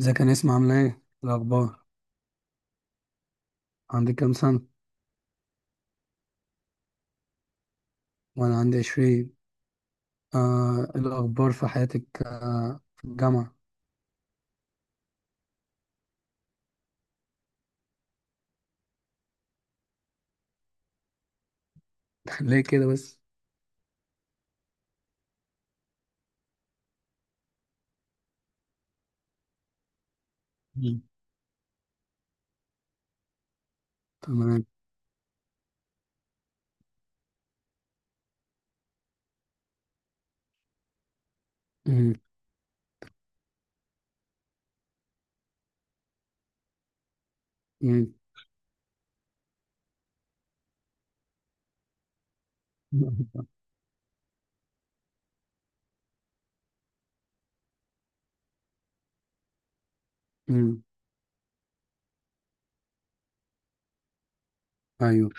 ازيك يا نسمة، عاملة ايه؟ الأخبار. عندك كام سنة؟ وأنا عندي 20. إيه الأخبار في حياتك، في الجامعة؟ ليه كده بس؟ مم. تمام. مم. مم. مم. أيوه.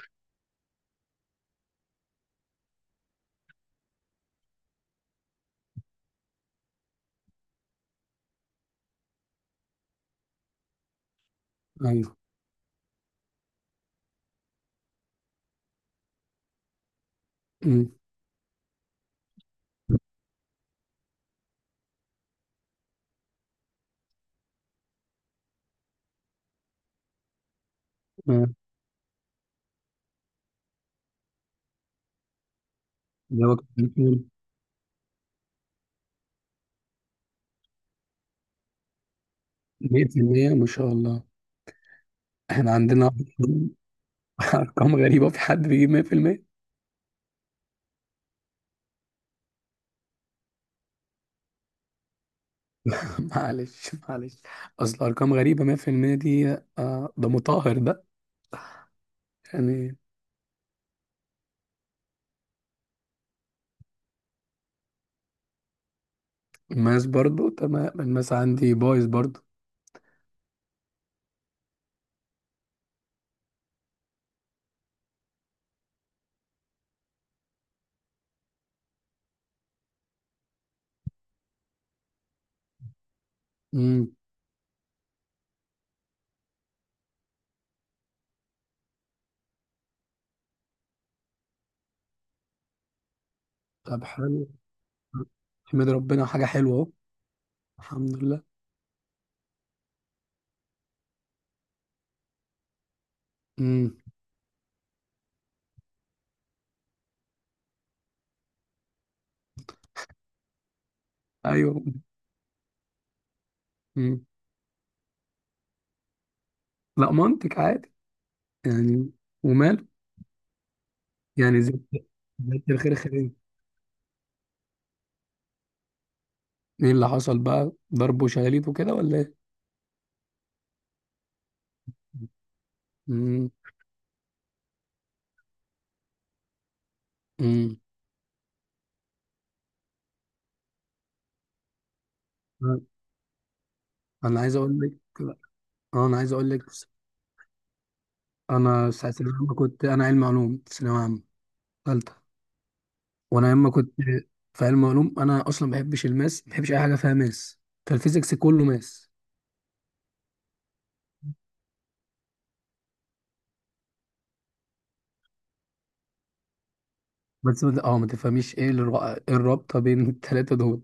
أيوه. مم. آه. جوابك. مية في المية ما شاء الله. احنا عندنا أرقام غريبة، في حد بيجيب مية في المية؟ معلش معلش، أصل أرقام غريبة مية في المية دي. آه ده مطهر ده يعني. الماس برضو تمام، الماس عندي بايظ برضو. امم. طب حلو، احمد ربنا حاجة حلوة اهو. الحمد لله. امم. ايوه. امم. لا منطق عادي يعني. وماله. يعني زي الخير خيرين. ايه اللي حصل بقى؟ ضرب وشلاليت وكده ولا ايه؟ امم. امم. انا عايز اقول لك اه انا عايز اقول لك، انا ساعة لما كنت انا علم علوم في ثانوية عامة، ثالثة، وانا لما كنت في علم علوم انا اصلا ما بحبش الماس، ما بحبش اي حاجة فيها ماس. فالفيزيكس كله ماس. بس ما تفهميش ايه إيه الرابطه بين الثلاثه دول.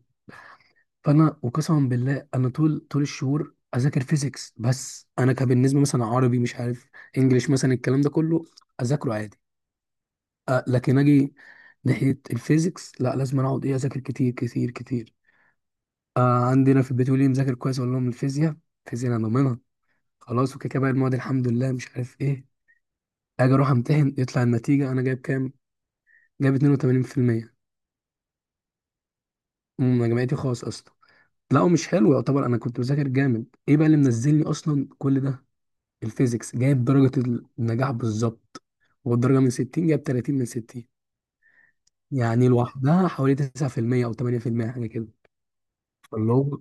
فانا وقسما بالله انا طول طول الشهور اذاكر فيزيكس، بس انا كان بالنسبه مثلا عربي، مش عارف، انجليش، مثلا الكلام ده كله اذاكره عادي. أه لكن اجي ناحيه الفيزيكس، لا، لازم أنا اقعد ايه اذاكر كتير كتير كتير. أه عندنا في البيت يقول لي مذاكر كويس، اقول لهم الفيزياء. الفيزياء انا ضامنها خلاص، وكده كده بقى المواد الحمد لله مش عارف ايه. اجي اروح امتحن يطلع النتيجه، انا جايب كام؟ جايب 82%. جامعتي خاص اصلا. لا هو مش حلو يعتبر، انا كنت بذاكر جامد. ايه بقى اللي منزلني اصلا كل ده؟ الفيزيكس جايب درجة النجاح بالظبط، والدرجة من 60 جايب 30 من 60. يعني لوحدها حوالي 9% او 8% حاجة كده. فاللي هو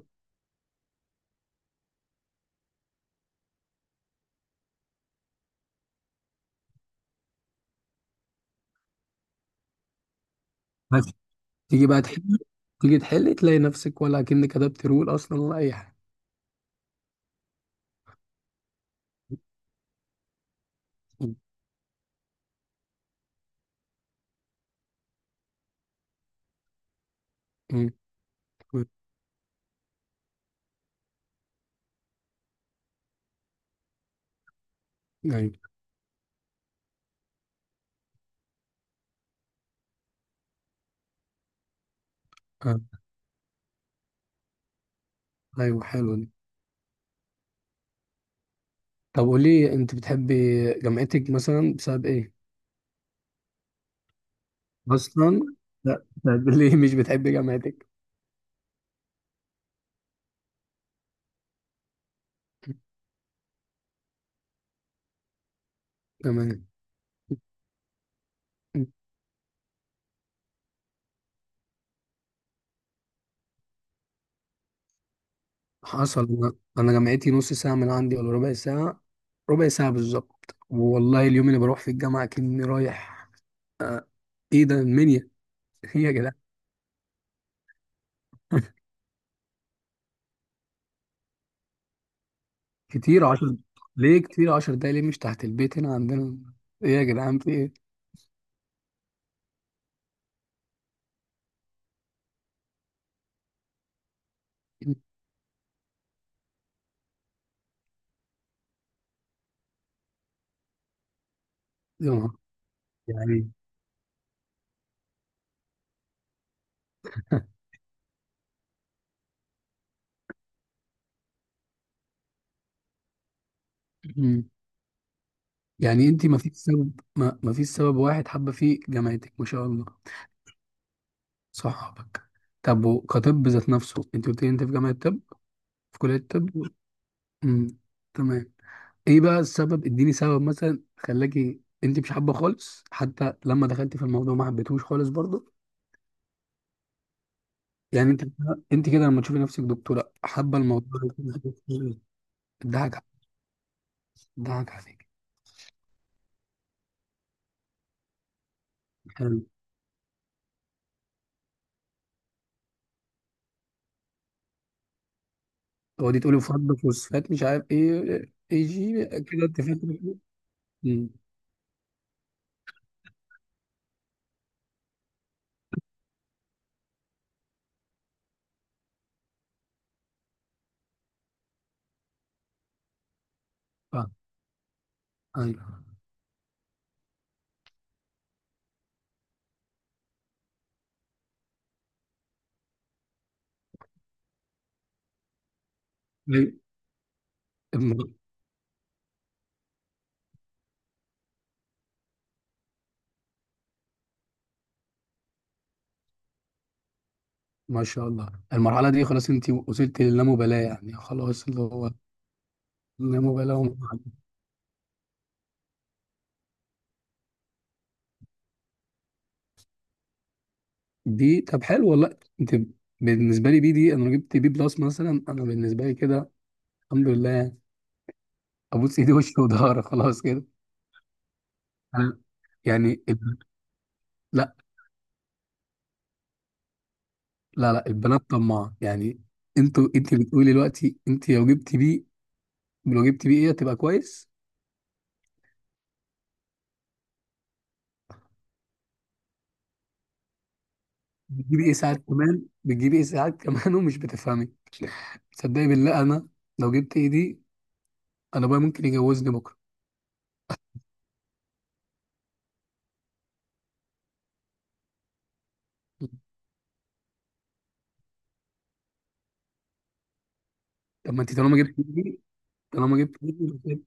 بس تيجي بقى تحل تيجي تحل، تلاقي نفسك ولا كأنك كتبت رول اصلا ولا اي حاجة. م- م- م- ايوه. آه، ايوه حلو دي. طب قولي، انت بتحبي جامعتك مثلا بسبب ايه اصلا؟ لا، طب ليه مش بتحبي جامعتك؟ تمام. حصل. أنا جامعتي نص ساعه من عندي ولا ربع ساعه. ربع ساعه بالظبط، والله اليوم اللي بروح في الجامعه كأني رايح ايه، ده المنيا. ايه يا جدعان! كتير عشر كتير 10 دقايق ليه؟ مش تحت البيت هنا عندنا؟ ايه يا جدعان في ايه؟ يا نهار. يعني. مم. يعني انت ما فيش سبب واحد حابه فيه جامعتك ما شاء الله؟ صحابك. طب وكطب ذات نفسه، انت قلت لي انت في جامعه طب، في كليه طب. مم. تمام. ايه بقى السبب؟ اديني سبب مثلا خلاكي انت مش حابه خالص، حتى لما دخلتي في الموضوع ما حبيتهوش خالص برضه. يعني انت كده لما تشوفي نفسك دكتوره حابه الموضوع ده؟ ضحك ضحك عليك. حلو. هو دي تقولي فرد فوسفات مش عارف ايه، اي جي كده انت فاهم. أمم، فاهم. ايوه. أيوة. الم- ما شاء الله المرحله دي، خلاص انت وصلت للامبالاه يعني، خلاص اللي هو اللامبالاه دي. طب حلو والله. انت بالنسبه لي بي دي، انا لو جبت بي بلس مثلا، انا بالنسبه لي كده الحمد لله ابوس ايدي وشي وضهري، خلاص كده. انا يعني لا لا لا البنات طماعه يعني. انت بتقولي دلوقتي انت لو جبت بي، لو جبت بي ايه هتبقى كويس. بتجيبي ايه ساعات كمان، بتجيبي ايه ساعات كمان، ومش بتفهمي. تصدقي بالله، انا لو جبت ايه دي انا بقى ممكن يجوزني بكره. طب ما انت طالما جبت ايه دي، طالما جبت ايه دي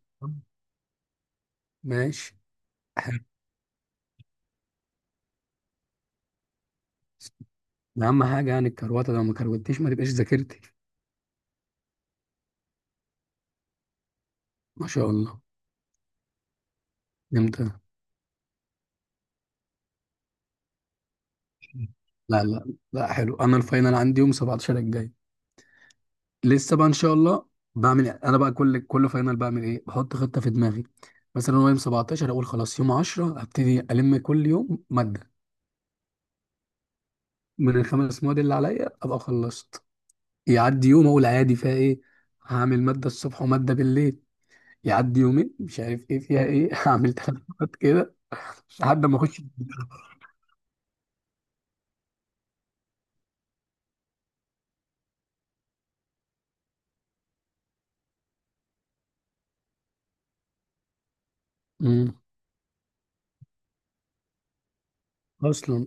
ماشي. ده اهم حاجه يعني الكروته، لو ما كروتيش ما تبقاش ذاكرتي. ما شاء الله. امتى؟ لا لا. لا حلو، انا الفاينل عندي يوم 17 الجاي، لسه بقى ان شاء الله. بعمل إيه؟ انا بقى كل فاينل بعمل ايه، بحط خطه في دماغي. مثلا هو يوم 17، اقول خلاص يوم 10 ابتدي الم كل يوم ماده من ال5 مواد اللي عليا، ابقى خلصت. يعدي يوم، اقول عادي فيها ايه، هعمل ماده الصبح وماده بالليل. يعدي يومين، مش عارف ايه فيها ايه، هعمل 3 مرات كده لحد ما اخش. مم. اصلا.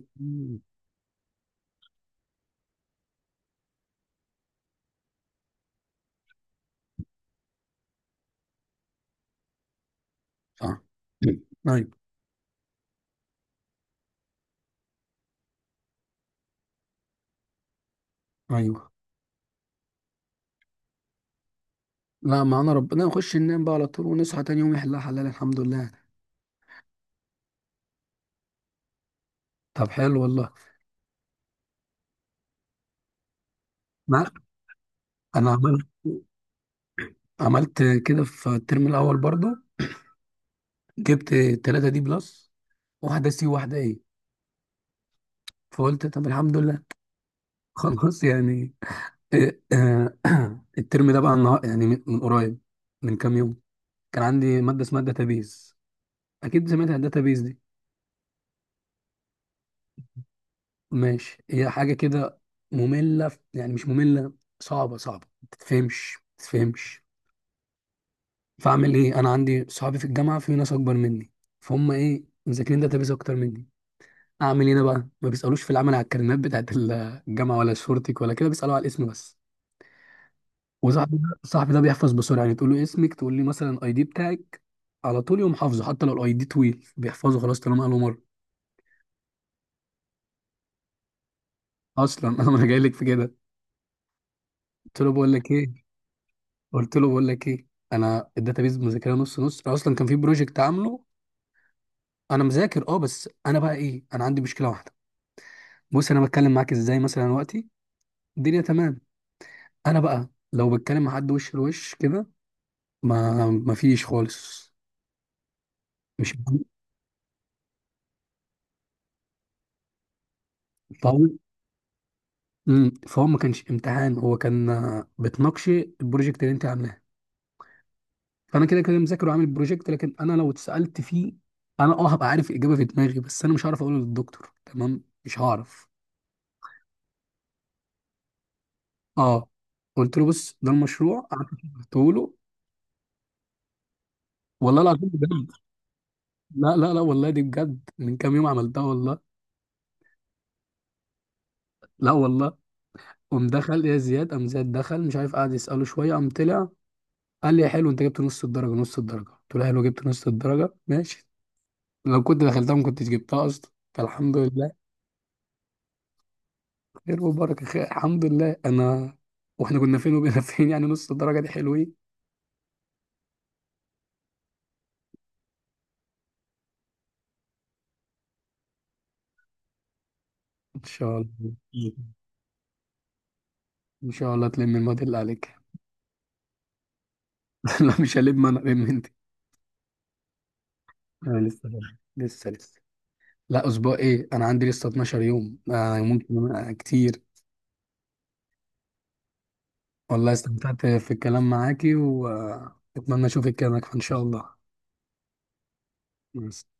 صح. ايوه. ايوه. لا، معانا ربنا، نخش ننام بقى على طول ونصحى تاني يوم يحلها حلال الحمد لله. طب حلو والله. ما انا عملت كده في الترم الاول برضه. جبت 3 دي بلس، واحدة سي وواحدة ايه، فقلت طب الحمد لله، خلاص يعني. إيه، آه، الترم ده بقى النهار يعني، من قريب، من كام يوم، كان عندي مادة اسمها داتابيز، اكيد سمعت عن. ماشي، هي حاجة كده مملة، يعني مش مملة، صعبة صعبة، ما تتفهمش ما تتفهمش. فاعمل ايه، انا عندي صحابي في الجامعة، في ناس اكبر مني فهم ايه، مذاكرين داتابيز اكتر مني. اعمل ايه انا بقى، ما بيسالوش في العمل على الكلمات بتاعت الجامعة ولا شورتك ولا كده، بيسالوا على الاسم بس. وصاحبي ده، صاحبي ده بيحفظ بسرعة، يعني تقول له اسمك تقول لي مثلا الاي دي بتاعك، على طول يقوم حافظه، حتى لو الاي دي طويل بيحفظه خلاص طالما قاله مرة. اصلا انا ما انا جاي لك في كده، قلت له بقول لك ايه. قلت له بقول لك ايه انا الداتابيز مذاكرها نص نص، انا اصلا كان في بروجكت عامله. انا مذاكر بس انا بقى ايه، انا عندي مشكله واحده. بص، انا بتكلم معاك ازاي مثلا وقتي، الدنيا تمام. انا بقى لو بتكلم مع حد وش لوش كده، ما فيش خالص. مش فهو مم. فهو ما كانش امتحان، هو كان بتناقشي البروجكت اللي انت عاملاه. فانا كده كده مذاكر وعامل البروجكت، لكن انا لو اتسالت فيه، انا هبقى عارف الاجابه في دماغي، بس انا مش هعرف اقوله للدكتور تمام، مش هعرف. اه قلت له بص ده المشروع، قعدت شرحته له. والله العظيم بجد. لا لا لا والله دي بجد، من كام يوم عملتها والله. لا والله. قام دخل يا زياد، قام زياد دخل مش عارف قعد يسأله شوية، قام طلع، قال لي يا حلو انت جبت نص الدرجة. نص الدرجة، قلت له حلو، جبت نص الدرجة ماشي، لو كنت دخلتها ما كنتش جبتها اصلا فالحمد لله. خير وبركة. الحمد لله. انا واحنا كنا فين وبقينا فين، يعني نص الدرجة دي حلوين. ان شاء الله. ان شاء الله تلم المواد اللي عليك. لا مش هلم انا، لم انت. أنا لسه برضه. لسه لسه. لا اسبوع ايه، انا عندي لسه 12 يوم، ممكن، كتير. والله استمتعت في الكلام معاكي، واتمنى اشوفك كده ان شاء الله. مع السلامة.